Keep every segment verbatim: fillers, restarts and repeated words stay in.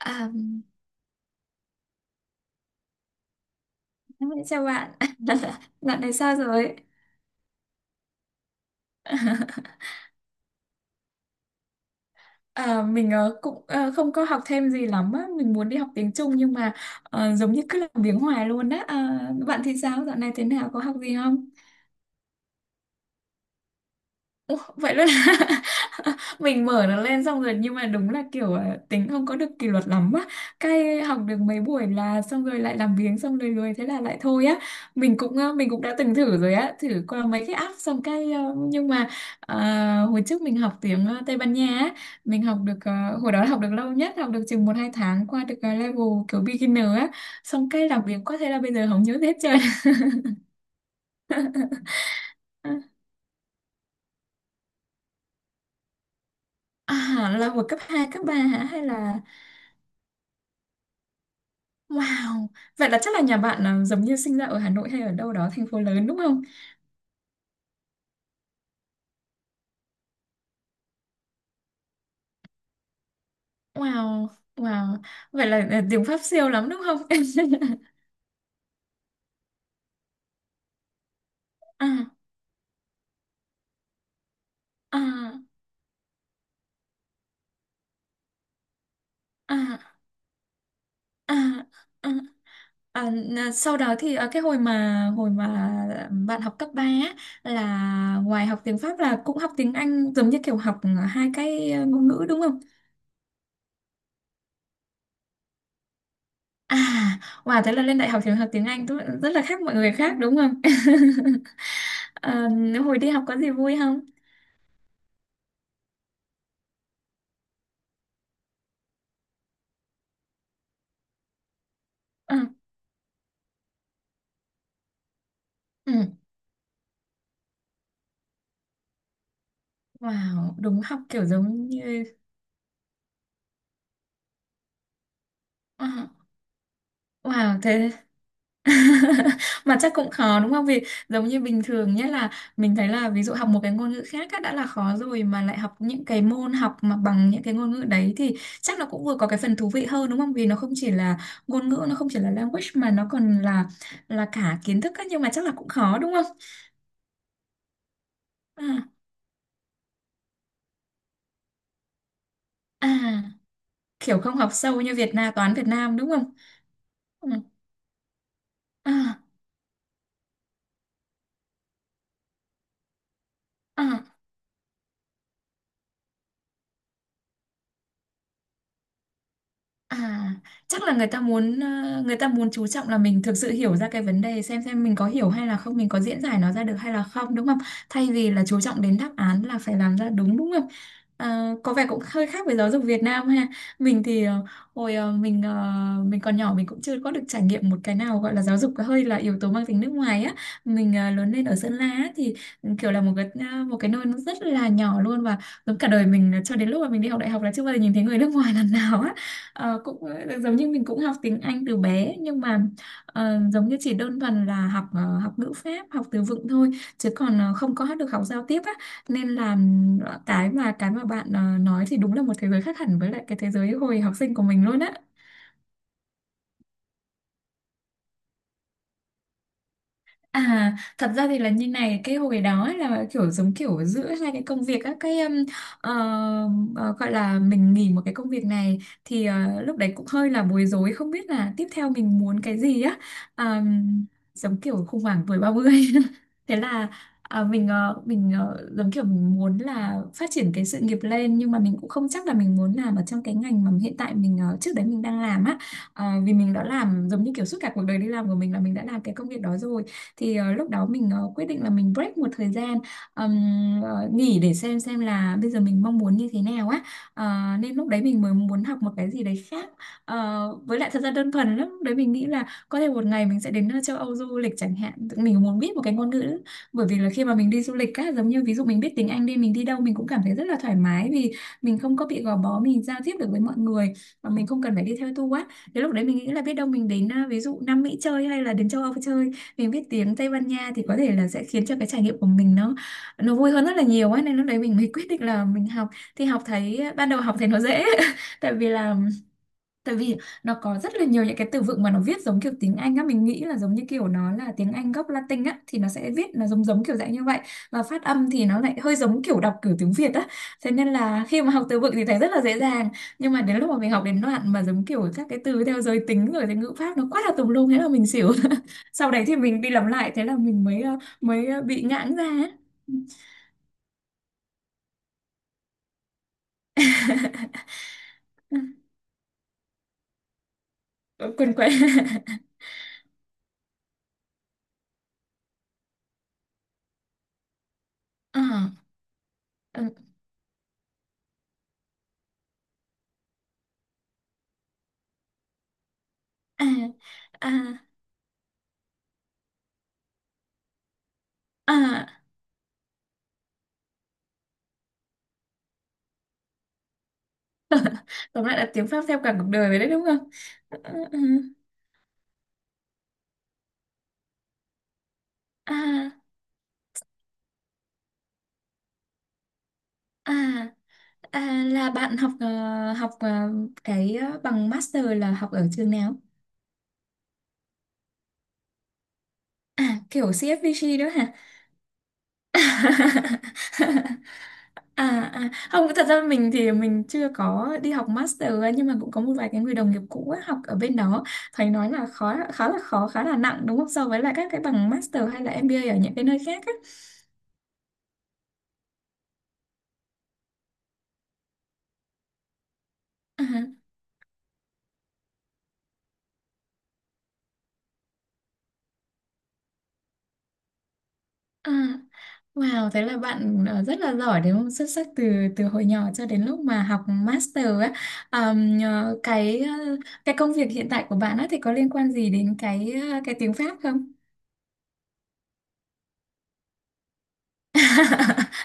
À, chào bạn, dạo này sao rồi? À, mình ờ, cũng ờ, không có học thêm gì lắm á, mình muốn đi học tiếng Trung nhưng mà ờ, giống như cứ làm biếng hoài luôn á. À, bạn thì sao, dạo này thế nào, có học gì không? Ủa, vậy luôn là mình mở nó lên xong rồi nhưng mà đúng là kiểu à, tính không có được kỷ luật lắm á, cái học được mấy buổi là xong rồi lại làm biếng xong rồi lười thế là lại thôi á. Mình cũng à, mình cũng đã từng thử rồi á, thử qua mấy cái app xong cái à, nhưng mà à, hồi trước mình học tiếng à, Tây Ban Nha á, mình học được à, hồi đó học được lâu nhất học được chừng một hai tháng, qua được à, level kiểu beginner á, xong cái làm biếng quá thế là bây giờ không nhớ hết trơn. À, là hồi cấp hai cấp ba hả hay là Wow, vậy là chắc là nhà bạn à, giống như sinh ra ở Hà Nội hay ở đâu đó thành phố lớn đúng không? Wow, wow, vậy là à, tiếng Pháp siêu lắm đúng không? à, à, à, à, à. À, n- sau đó thì à, cái hồi mà hồi mà bạn học cấp ba á, là ngoài học tiếng Pháp là cũng học tiếng Anh giống như kiểu học à, hai cái à, ngôn ngữ đúng không? À, wow, thế là lên đại học thì học tiếng Anh tức là rất là khác mọi người khác đúng không? À, hồi đi học có gì vui không? Ừ, ừ. Wow, đúng học kiểu giống như Ờ, wow, thế mà chắc cũng khó đúng không? Vì giống như bình thường nhất là mình thấy là ví dụ học một cái ngôn ngữ khác á, đã là khó rồi mà lại học những cái môn học mà bằng những cái ngôn ngữ đấy thì chắc nó cũng vừa có cái phần thú vị hơn đúng không? Vì nó không chỉ là ngôn ngữ, nó không chỉ là language mà nó còn là là cả kiến thức á, nhưng mà chắc là cũng khó đúng không? À, à, kiểu không học sâu như Việt Nam, toán Việt Nam đúng không? Ừ. À, à. À, chắc là người ta muốn ờ, người ta muốn chú trọng là mình thực sự hiểu ra cái vấn đề xem xem mình có hiểu hay là không, mình có diễn giải nó ra được hay là không đúng không? Thay vì là chú trọng đến đáp án là phải làm ra đúng đúng không? Ờ, có vẻ cũng hơi khác với giáo dục Việt Nam ha. Mình thì ờ, hồi ờ, mình ờ, mình còn nhỏ mình cũng chưa có được trải nghiệm một cái nào gọi là giáo dục hơi là yếu tố mang tính nước ngoài á. Mình ờ, lớn lên ở Sơn La á, thì ừ, kiểu là một cái ờ, một cái nơi nó rất là nhỏ luôn và giống cả đời mình ờ, cho đến lúc mà mình đi học đại học là chưa bao giờ nhìn thấy người nước ngoài lần nào á. Ờ, cũng ờ, giống như mình cũng học tiếng Anh từ bé nhưng mà ờ, giống như chỉ đơn thuần là học ờ, học ngữ pháp học từ vựng thôi, chứ còn ờ, không có được học giao tiếp á, nên là ừm, cái mà cái mà bạn ờ, nói thì đúng là một thế giới khác hẳn với lại cái thế giới hồi học sinh của mình luôn á. À, thật ra thì là như này, cái hồi đó ấy là kiểu giống kiểu giữa hai cái công việc á, cái um, ờ, ờ, gọi là mình nghỉ một cái công việc này thì ờ, lúc đấy cũng hơi là bối rối không biết là tiếp theo mình muốn cái gì á. À, giống kiểu khủng hoảng tuổi ba mươi thế là à, mình ờ, mình ờ, giống kiểu mình muốn là phát triển cái sự nghiệp lên nhưng mà mình cũng không chắc là mình muốn làm ở trong cái ngành mà hiện tại mình ờ, trước đấy mình đang làm á. Ờ, vì mình đã làm giống như kiểu suốt cả cuộc đời đi làm của mình là mình đã làm cái công việc đó rồi, thì ờ, lúc đó mình ờ, quyết định là mình break một thời gian, ừm, ờ, nghỉ để xem xem là bây giờ mình mong muốn như thế nào á. Ờ, nên lúc đấy mình mới muốn học một cái gì đấy khác. Ờ, với lại thật ra đơn thuần lắm, lúc đấy mình nghĩ là có thể một ngày mình sẽ đến ờ, châu Âu du lịch chẳng hạn. Tự mình muốn biết một cái ngôn ngữ, bởi vì là khi mà mình đi du lịch á, giống như ví dụ mình biết tiếng Anh đi, mình đi đâu mình cũng cảm thấy rất là thoải mái, vì mình không có bị gò bó, mình giao tiếp được với mọi người và mình không cần phải đi theo tour á. Thế lúc đấy mình nghĩ là biết đâu mình đến à, ví dụ Nam Mỹ chơi hay là đến châu Âu chơi, mình biết tiếng Tây Ban Nha thì có thể là sẽ khiến cho cái trải nghiệm của mình nó nó vui hơn rất là nhiều ấy, nên lúc đấy mình mới quyết định là mình học. Thì học thấy ban đầu học thấy nó dễ, tại vì là Tại vì nó có rất là nhiều những cái từ vựng mà nó viết giống kiểu tiếng Anh á, mình nghĩ là giống như kiểu nó là tiếng Anh gốc Latin á thì nó sẽ viết là giống giống kiểu dạng như vậy, và phát âm thì nó lại hơi giống kiểu đọc kiểu tiếng Việt á. Thế nên là khi mà học từ vựng thì thấy rất là dễ dàng, nhưng mà đến lúc mà mình học đến đoạn mà giống kiểu các cái từ theo giới tính rồi thì ngữ pháp nó quá là tùm lum, thế là mình xỉu. Sau đấy thì mình đi làm lại thế là mình mới ờ, mới ờ, bị ngãng ra á. Quên quên. Ờ, ừ, à, à, à. Tóm lại là tiếng Pháp theo cả cuộc đời rồi đấy đúng không? Ờ, ờ, ờ. À, à, à là bạn học ờ, học ờ, cái ờ, bằng master là học ở trường nào? À kiểu xê ép vê giê đó hả? À, à không, thật ra mình thì mình chưa có đi học master ấy, nhưng mà cũng có một vài cái người đồng nghiệp cũ ấy, học ở bên đó, thầy nói là khó, khá là khó khá là nặng đúng không, so với lại các cái bằng master hay là em bê a ở những cái nơi khác á. À, à. Wow, thế là bạn ờ, rất là giỏi đúng không? Xuất sắc từ từ hồi nhỏ cho đến lúc mà học master á. Ờm, ờ, cái ờ, cái công việc hiện tại của bạn á thì có liên quan gì đến cái ờ, cái tiếng Pháp không?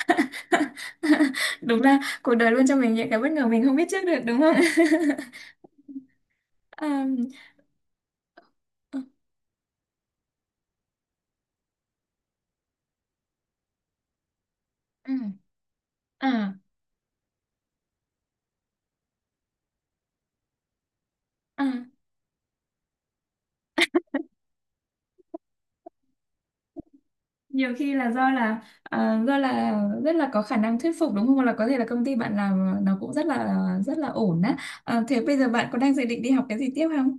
Đúng là cuộc đời luôn cho mình những cái bất ngờ mình không biết trước được đúng không? Ờm, ờ, ừ. À, à, nhiều khi là do là à, do là rất là có khả năng thuyết phục đúng không? Hoặc là có thể là công ty bạn làm nó cũng rất là rất là ổn á. À, thế bây giờ bạn có đang dự định đi học cái gì tiếp không?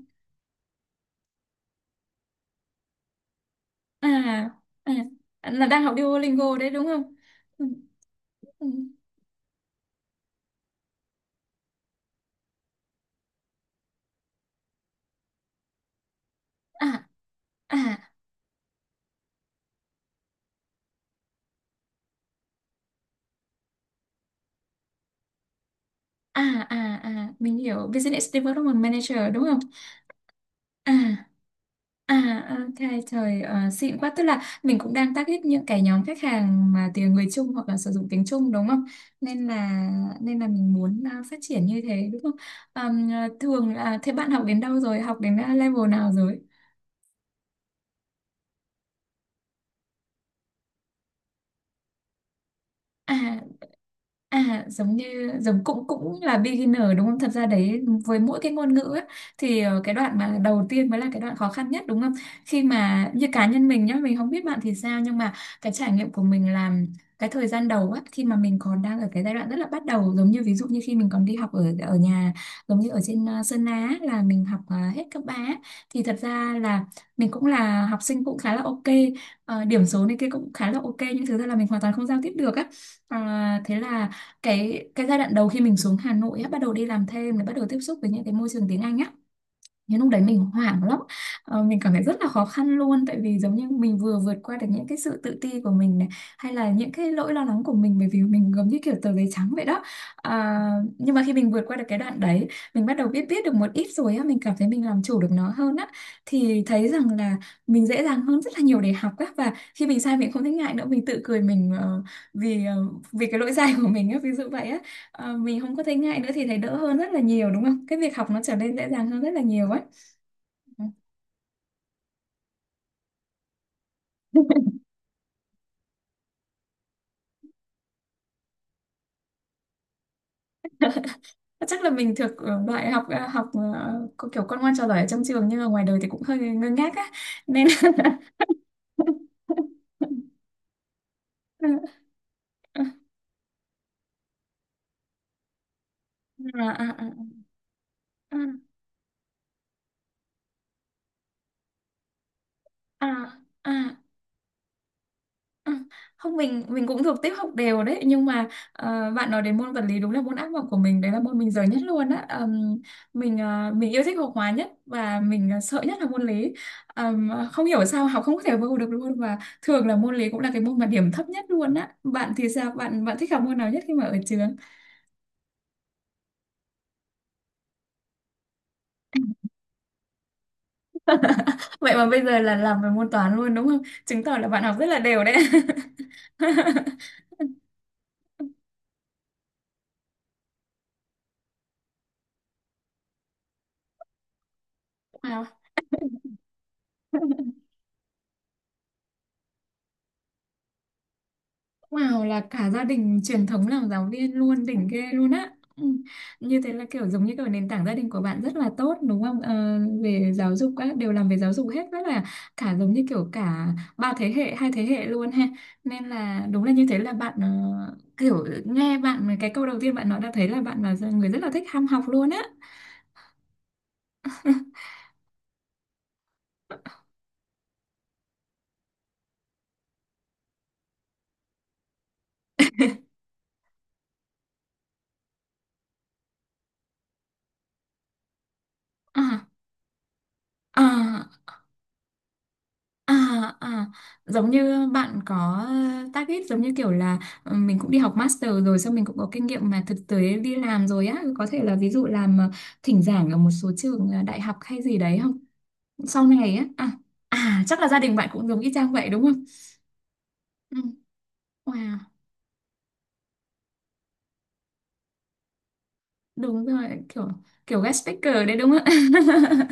À, à là đang học Duolingo đấy đúng không? Ừ, ừ. À, à, à, à, à, mình hiểu business development manager đúng không? À, à, ok, trời ờ, xịn quá. Tức là mình cũng đang target những cái nhóm khách hàng mà tiếng người Trung hoặc là sử dụng tiếng Trung đúng không? Nên là nên là mình muốn ờ, phát triển như thế đúng không? Ờm, ờ, thường là thế bạn học đến đâu rồi? Học đến ờ, level nào rồi? À, à, giống như giống cũng cũng là beginner đúng không? Thật ra đấy với mỗi cái ngôn ngữ á, thì ờ, cái đoạn mà đầu tiên mới là cái đoạn khó khăn nhất đúng không? Khi mà như cá nhân mình nhá, mình không biết bạn thì sao nhưng mà cái trải nghiệm của mình làm cái thời gian đầu á, khi mà mình còn đang ở cái giai đoạn rất là bắt đầu, giống như ví dụ như khi mình còn đi học ở ở nhà, giống như ở trên ờ, Sơn Á là mình học ờ, hết cấp ba á, thì thật ra là mình cũng là học sinh cũng khá là ok, ờ, điểm số này kia cũng khá là ok, nhưng thực ra là mình hoàn toàn không giao tiếp được á. Ờ, thế là cái cái giai đoạn đầu khi mình xuống Hà Nội á, bắt đầu đi làm thêm, bắt đầu tiếp xúc với những cái môi trường tiếng Anh á, nhưng lúc đấy mình hoảng lắm. ờ, mình cảm thấy rất là khó khăn luôn, tại vì giống như mình vừa vượt qua được những cái sự tự ti của mình này, hay là những cái lỗi lo lắng của mình, bởi vì mình giống như kiểu tờ giấy trắng vậy đó. À, nhưng mà khi mình vượt qua được cái đoạn đấy, mình bắt đầu biết biết được một ít rồi á, mình cảm thấy mình làm chủ được nó hơn á, thì thấy rằng là mình dễ dàng hơn rất là nhiều để học á, và khi mình sai mình không thấy ngại nữa, mình tự cười mình ờ, vì ờ, vì cái lỗi sai của mình á, ví dụ vậy á. À, mình không có thấy ngại nữa thì thấy đỡ hơn rất là nhiều đúng không? Cái việc học nó trở nên dễ dàng hơn rất là nhiều ấy. Ừ. Chắc là mình thuộc ờ, loại học, ờ, học ờ, có kiểu con ngoan trò giỏi ở trong trường, nhưng mà ngoài đời thì cũng hơi ngơ ngác á, nên à, à, à, à, à, à, à. Ừ, không, mình mình cũng thuộc tiếp học đều đấy, nhưng mà ờ, bạn nói đến môn vật lý đúng là môn ác mộng của mình đấy, là môn mình dở nhất luôn á. Ờm, mình ờ, mình yêu thích học hóa nhất, và mình ờ, sợ nhất là môn lý. Ờm, không hiểu sao học không có thể vô được luôn, và thường là môn lý cũng là cái môn mà điểm thấp nhất luôn á. Bạn thì sao, bạn bạn thích học môn nào nhất khi mà ở trường? Vậy mà bây giờ là làm về môn toán luôn đúng không, chứng tỏ là bạn học rất là đều đấy. Wow. Wow, là cả gia đình truyền thống làm giáo viên luôn, đỉnh ghê luôn á. Ừ, như thế là kiểu giống như kiểu nền tảng gia đình của bạn rất là tốt đúng không? Ờ, về giáo dục các đều làm về giáo dục hết, rất là cả giống như kiểu cả ba thế hệ, hai thế hệ luôn ha. Nên là đúng là như thế, là bạn ờ, kiểu nghe bạn cái câu đầu tiên bạn nói đã thấy là bạn là người rất là thích ham học luôn á. À, à. À, à, giống như bạn có ờ, target giống như kiểu là ờ, mình cũng đi học master rồi, xong mình cũng có kinh nghiệm mà thực tế đi làm rồi á, có thể là ví dụ làm ờ, thỉnh giảng ở một số trường ờ, đại học hay gì đấy không, sau này á. À, à chắc là gia đình bạn cũng giống y chang vậy đúng không? Ừ. Wow, đúng rồi, kiểu kiểu guest speaker đấy đúng không?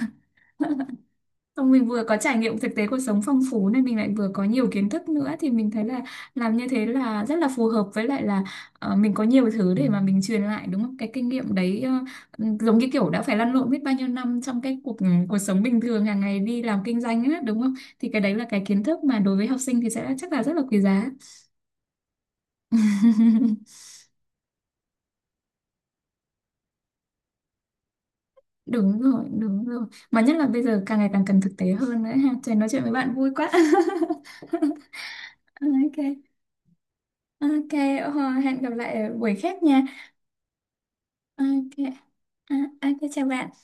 Xong mình vừa có trải nghiệm thực tế cuộc sống phong phú, nên mình lại vừa có nhiều kiến thức nữa, thì mình thấy là làm như thế là rất là phù hợp, với lại là ờ, mình có nhiều thứ để mà mình truyền lại đúng không? Cái kinh nghiệm đấy, ờ, ừ, giống như kiểu đã phải lăn lộn biết bao nhiêu năm trong cái cuộc, ừ, cuộc sống bình thường hàng ngày đi làm kinh doanh á đúng không? Thì cái đấy là cái kiến thức mà đối với học sinh thì sẽ chắc là rất là quý giá. Đúng rồi, đúng rồi. Mà nhất là bây giờ càng ngày càng cần thực tế hơn nữa ha. Trời, nói chuyện với bạn vui quá. Ok. Ok, ờ, hẹn gặp lại ở buổi khác nha. Ok, à, ok, chào bạn.